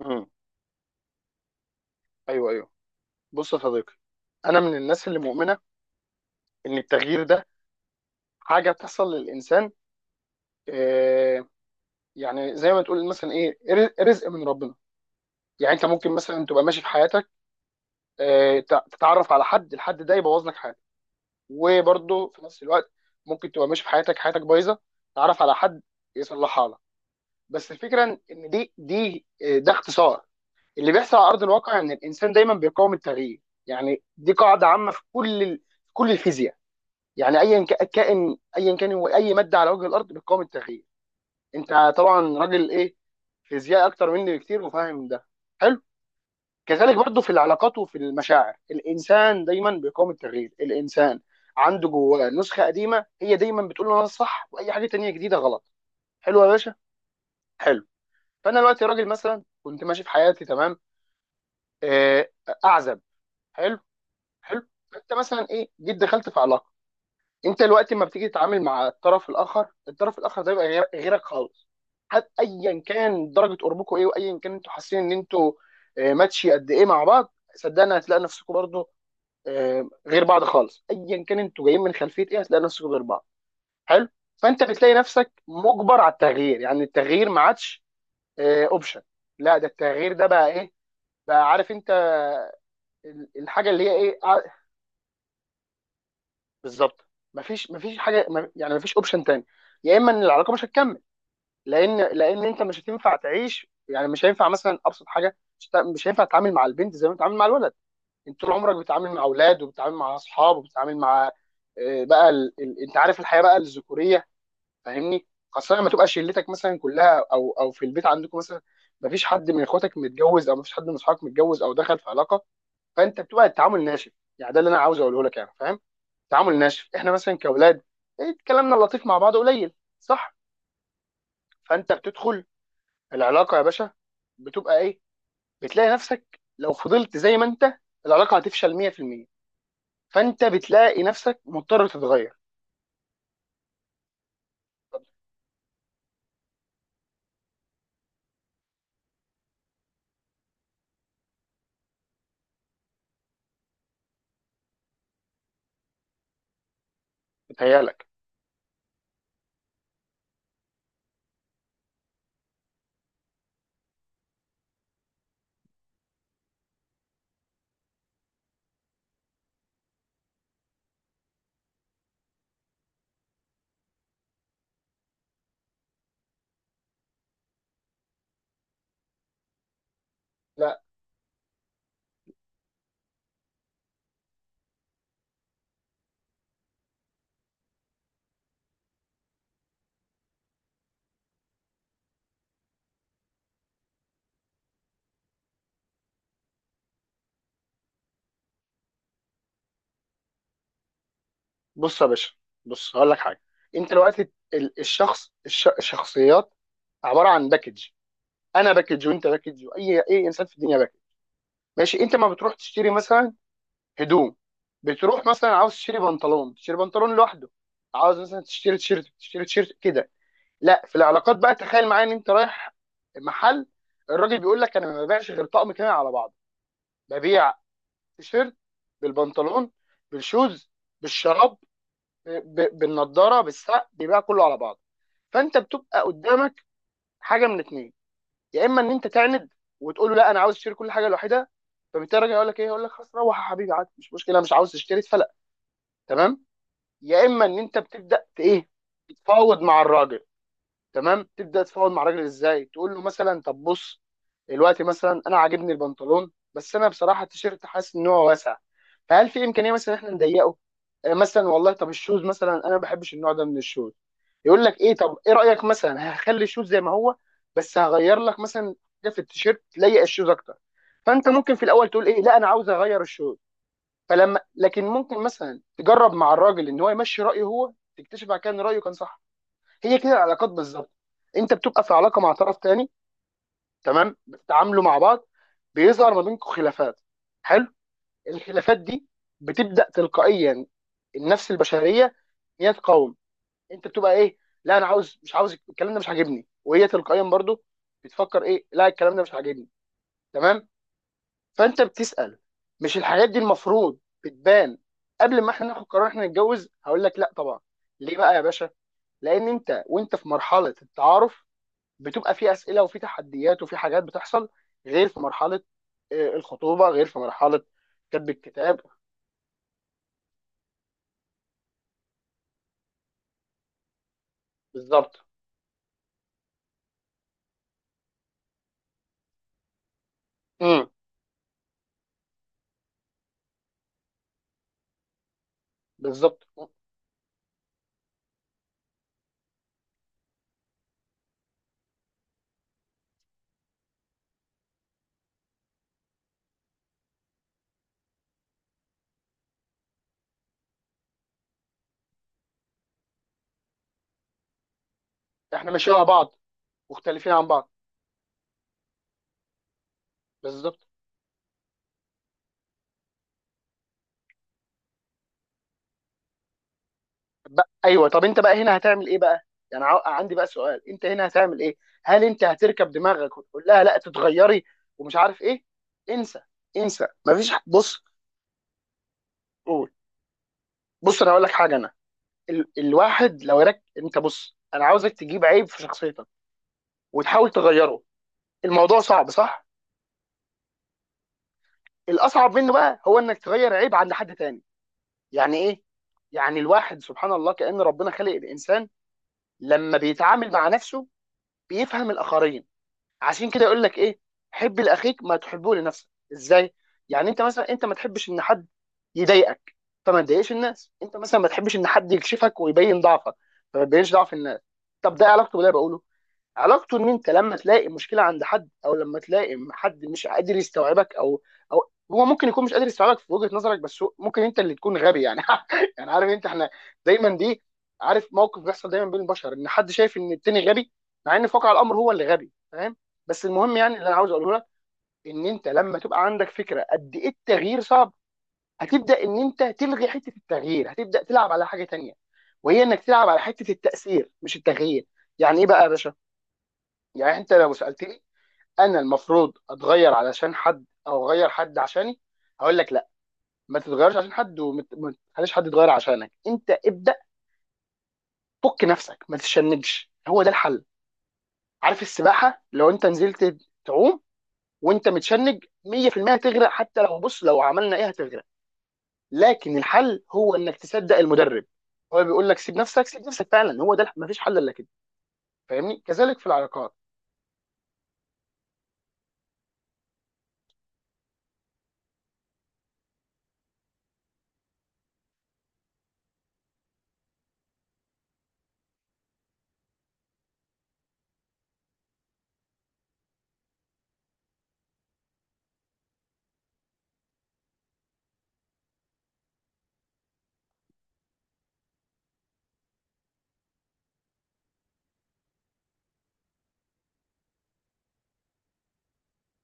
امم ايوه، ايوه، بص يا صديقي. انا من الناس اللي مؤمنه ان التغيير ده حاجه بتحصل للانسان. آه يعني زي ما تقول مثلا ايه رزق من ربنا. يعني انت ممكن مثلا تبقى ماشي في حياتك، تتعرف على حد، الحد ده يبوظ لك حياتك. وبرضه في نفس الوقت ممكن تبقى ماشي في حياتك، حياتك بايظه، تتعرف على حد يصلحها لك. بس الفكره ان دي دي آه، ده اختصار اللي بيحصل على ارض الواقع، ان الانسان دايما بيقاوم التغيير. يعني دي قاعده عامه في كل كل الفيزياء. يعني ايا كائن، ايا كان هو، اي ماده على وجه الارض بتقاوم التغيير. انت طبعا راجل ايه، فيزياء اكتر مني بكتير، وفاهم ده. حلو. كذلك برضو في العلاقات وفي المشاعر الانسان دايما بيقاوم التغيير. الانسان عنده جواه نسخه قديمه هي دايما بتقول له انا الصح، واي حاجه تانية جديده غلط. حلو يا باشا، حلو. فانا دلوقتي راجل مثلا كنت ماشي في حياتي تمام، آه، اعزب. حلو، حلو. فانت مثلا ايه جيت دخلت في علاقه. انت دلوقتي لما بتيجي تتعامل مع الطرف الاخر، الطرف الاخر ده يبقى غيرك خالص. حتى ايا كان درجه قربكم ايه، وايا كان انتوا حاسين ان انتوا ماتشي قد ايه مع بعض، صدقني هتلاقي نفسكم برضه غير بعض خالص. ايا كان انتوا جايين من خلفيه ايه، هتلاقي نفسكم غير بعض. حلو. فانت بتلاقي نفسك مجبر على التغيير. يعني التغيير ما عادش اوبشن، لا، ده التغيير ده بقى ايه، بقى عارف انت الحاجه اللي هي ايه بالظبط. مفيش حاجه يعني مفيش اوبشن تاني. يا اما ان العلاقه مش هتكمل، لان انت مش هتنفع تعيش. يعني مش هينفع مثلا ابسط حاجه مش هينفع تتعامل مع البنت زي ما بتتعامل مع الولد. انت طول عمرك بتتعامل مع اولاد، وبتتعامل مع اصحاب، وبتتعامل مع انت عارف الحياه بقى الذكوريه. فاهمني، خاصه لما تبقى شلتك مثلا كلها، او او في البيت عندكم مثلا ما فيش حد من اخواتك متجوز، او ما فيش حد من اصحابك متجوز او دخل في علاقه. فانت بتبقى التعامل ناشف. يعني ده اللي انا عاوز اقوله لك، يعني فاهم، تعامل ناشف. احنا مثلا كاولاد كلامنا اللطيف مع بعض قليل، صح؟ فانت بتدخل العلاقه يا باشا، بتبقى ايه، بتلاقي نفسك لو فضلت زي ما انت العلاقه هتفشل 100%. فانت بتلاقي نفسك مضطر تتغير. بتهيألك. لا. بص يا باشا، بص هقول لك حاجه. انت دلوقتي الشخص الشخصيات عباره عن باكج. انا باكج، وانت باكج، واي اي انسان في الدنيا باكج. ماشي؟ انت ما بتروح تشتري مثلا هدوم، بتروح مثلا عاوز تشتري بنطلون تشتري بنطلون لوحده، عاوز مثلا تشتري تيشيرت تشتري تيشيرت كده. لا، في العلاقات بقى تخيل معايا ان انت رايح محل، الراجل بيقول لك انا ما ببيعش غير طقم كامل على بعضه. ببيع تيشيرت بالبنطلون، بالشوز، بالشراب، بالنضاره، بالساعه، بيبيع كله على بعضه. فانت بتبقى قدامك حاجه من اتنين. يا اما ان انت تعند وتقول له لا انا عاوز اشتري كل حاجه لوحدها، فبالتالي الراجل يقول لك ايه، يقول لك خلاص روح يا حبيبي، عادي، مش مشكله، مش عاوز تشتري اتفلق، تمام. يا اما ان انت بتبدا ت- ايه تتفاوض مع الراجل. تمام. تبدا تفاوض مع الراجل ازاي؟ تقول له مثلا طب بص، دلوقتي مثلا انا عاجبني البنطلون، بس انا بصراحه التيشيرت حاسس ان هو واسع، فهل في امكانيه مثلا احنا نضيقه؟ مثلا والله طب الشوز مثلا انا ما بحبش النوع ده من الشوز. يقول لك ايه، طب ايه رايك مثلا هخلي الشوز زي ما هو، بس هغير لك مثلا حاجه في التيشيرت تليق الشوز اكتر. فانت ممكن في الاول تقول ايه لا انا عاوز اغير الشوز، فلما لكن ممكن مثلا تجرب مع الراجل ان هو يمشي رايه هو، تكتشف بعد كده ان رايه كان صح. هي كده العلاقات بالظبط. انت بتبقى في علاقه مع طرف تاني، تمام، بتتعاملوا مع بعض، بيظهر ما بينكم خلافات. حلو. الخلافات دي بتبدا تلقائيا، النفس البشريه ان هي تقاوم، انت بتبقى ايه، لا انا عاوز، مش عاوز الكلام ده، مش عاجبني، وهي تلقائيا برضو بتفكر ايه، لا الكلام ده مش عاجبني. تمام. فانت بتسال، مش الحاجات دي المفروض بتبان قبل ما احنا ناخد قرار احنا نتجوز؟ هقول لك لا طبعا. ليه بقى يا باشا؟ لان انت وانت في مرحله التعارف بتبقى في اسئله وفي تحديات وفي حاجات بتحصل، غير في مرحله الخطوبه، غير في مرحله كتب الكتاب. بالظبط. امم بالظبط، احنا ماشيين مع بعض مختلفين عن بعض. بالظبط. ايوه، طب انت بقى هنا هتعمل ايه بقى؟ يعني عندي بقى سؤال. انت هنا هتعمل ايه؟ هل انت هتركب دماغك وتقول لها لا تتغيري، ومش عارف ايه؟ انسى، انسى، مفيش بص. قول. بص انا هقول لك حاجه. انا ال... الواحد لو رك انت بص انا عاوزك تجيب عيب في شخصيتك وتحاول تغيره. الموضوع صعب، صح؟ الاصعب منه بقى هو انك تغير عيب عند حد تاني. يعني ايه؟ يعني الواحد سبحان الله كأن ربنا خلق الانسان لما بيتعامل مع نفسه بيفهم الاخرين. عشان كده يقول لك ايه، حب لاخيك ما تحبه لنفسك. ازاي؟ يعني انت مثلا انت ما تحبش ان حد يضايقك فما تضايقش الناس، انت مثلا ما تحبش ان حد يكشفك ويبين ضعفك فما تبينش ضعف الناس. طب ده إيه علاقته باللي أنا بقوله؟ علاقته ان انت لما تلاقي مشكله عند حد، او لما تلاقي حد مش قادر يستوعبك، او او هو ممكن يكون مش قادر يستوعبك في وجهه نظرك، بس ممكن انت اللي تكون غبي. يعني يعني عارف انت، احنا دايما عارف موقف بيحصل دايما بين البشر ان حد شايف ان التاني غبي، مع ان في واقع الامر هو اللي غبي، فاهم؟ بس المهم يعني اللي انا عاوز اقوله لك، ان انت لما تبقى عندك فكره قد ايه التغيير صعب، هتبدا ان انت تلغي حته التغيير، هتبدا تلعب على حاجه تانيه، وهي انك تلعب على حته التاثير مش التغيير. يعني ايه بقى يا باشا؟ يعني انت لو سالتني انا المفروض اتغير علشان حد او اغير حد عشاني، هقول لك لا. ما تتغيرش عشان حد، وما ما تخليش حد يتغير عشانك انت ابدا. فك نفسك، ما تتشنجش، هو ده الحل. عارف السباحه لو انت نزلت تعوم وانت متشنج 100% هتغرق، حتى لو بص لو عملنا ايه هتغرق. لكن الحل هو انك تصدق المدرب. هو بيقول لك سيب نفسك، سيب نفسك فعلا، هو ده، ما فيش حل الا كده. فاهمني؟ كذلك في العلاقات.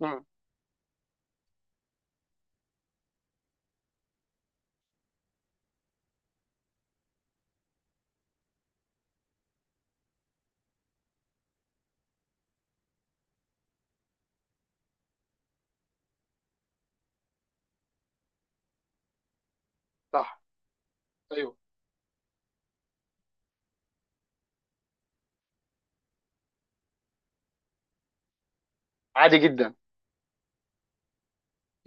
امم صح، ايوه، عادي جدا.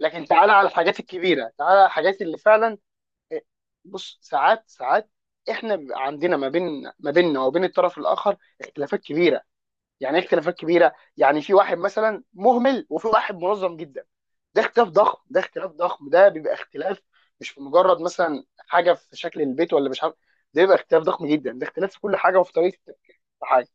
لكن تعالى على الحاجات الكبيره، تعالى على الحاجات اللي فعلا إيه، بص ساعات، ساعات احنا بيبقى عندنا ما بين ما بيننا وبين الطرف الاخر اختلافات كبيره. يعني ايه اختلافات كبيره؟ يعني في واحد مثلا مهمل وفي واحد منظم جدا. ده اختلاف ضخم، ده اختلاف ضخم، ده بيبقى اختلاف، مش في مجرد مثلا حاجه في شكل البيت ولا مش عارف. ده بيبقى اختلاف ضخم جدا، ده اختلاف في كل حاجه وفي طريقه التفكير في حاجه.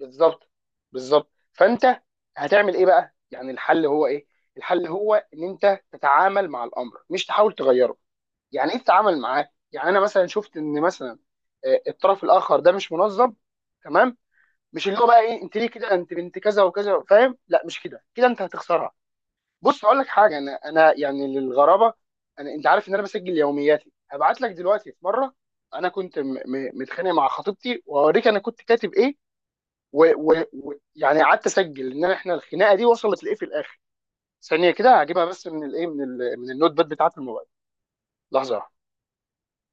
بالظبط. بالظبط. فانت هتعمل ايه بقى؟ يعني الحل هو ايه؟ الحل هو ان انت تتعامل مع الامر، مش تحاول تغيره. يعني ايه تتعامل معاه؟ يعني انا مثلا شفت ان مثلا الطرف الاخر ده مش منظم. تمام. مش اللي هو بقى ايه انت ليه كده انت بنت كذا وكذا، فاهم؟ لا، مش كده، كده انت هتخسرها. بص اقول لك حاجه، انا يعني للغرابه، انت عارف ان انا بسجل يومياتي. هبعت لك دلوقتي في مره انا كنت متخانق مع خطيبتي، وهوريك انا كنت كاتب ايه، ويعني قعدت اسجل ان احنا الخناقه دي وصلت لايه في الاخر. ثانيه كده هجيبها، بس من الايه، من النوت باد بتاعت الموبايل. لحظه.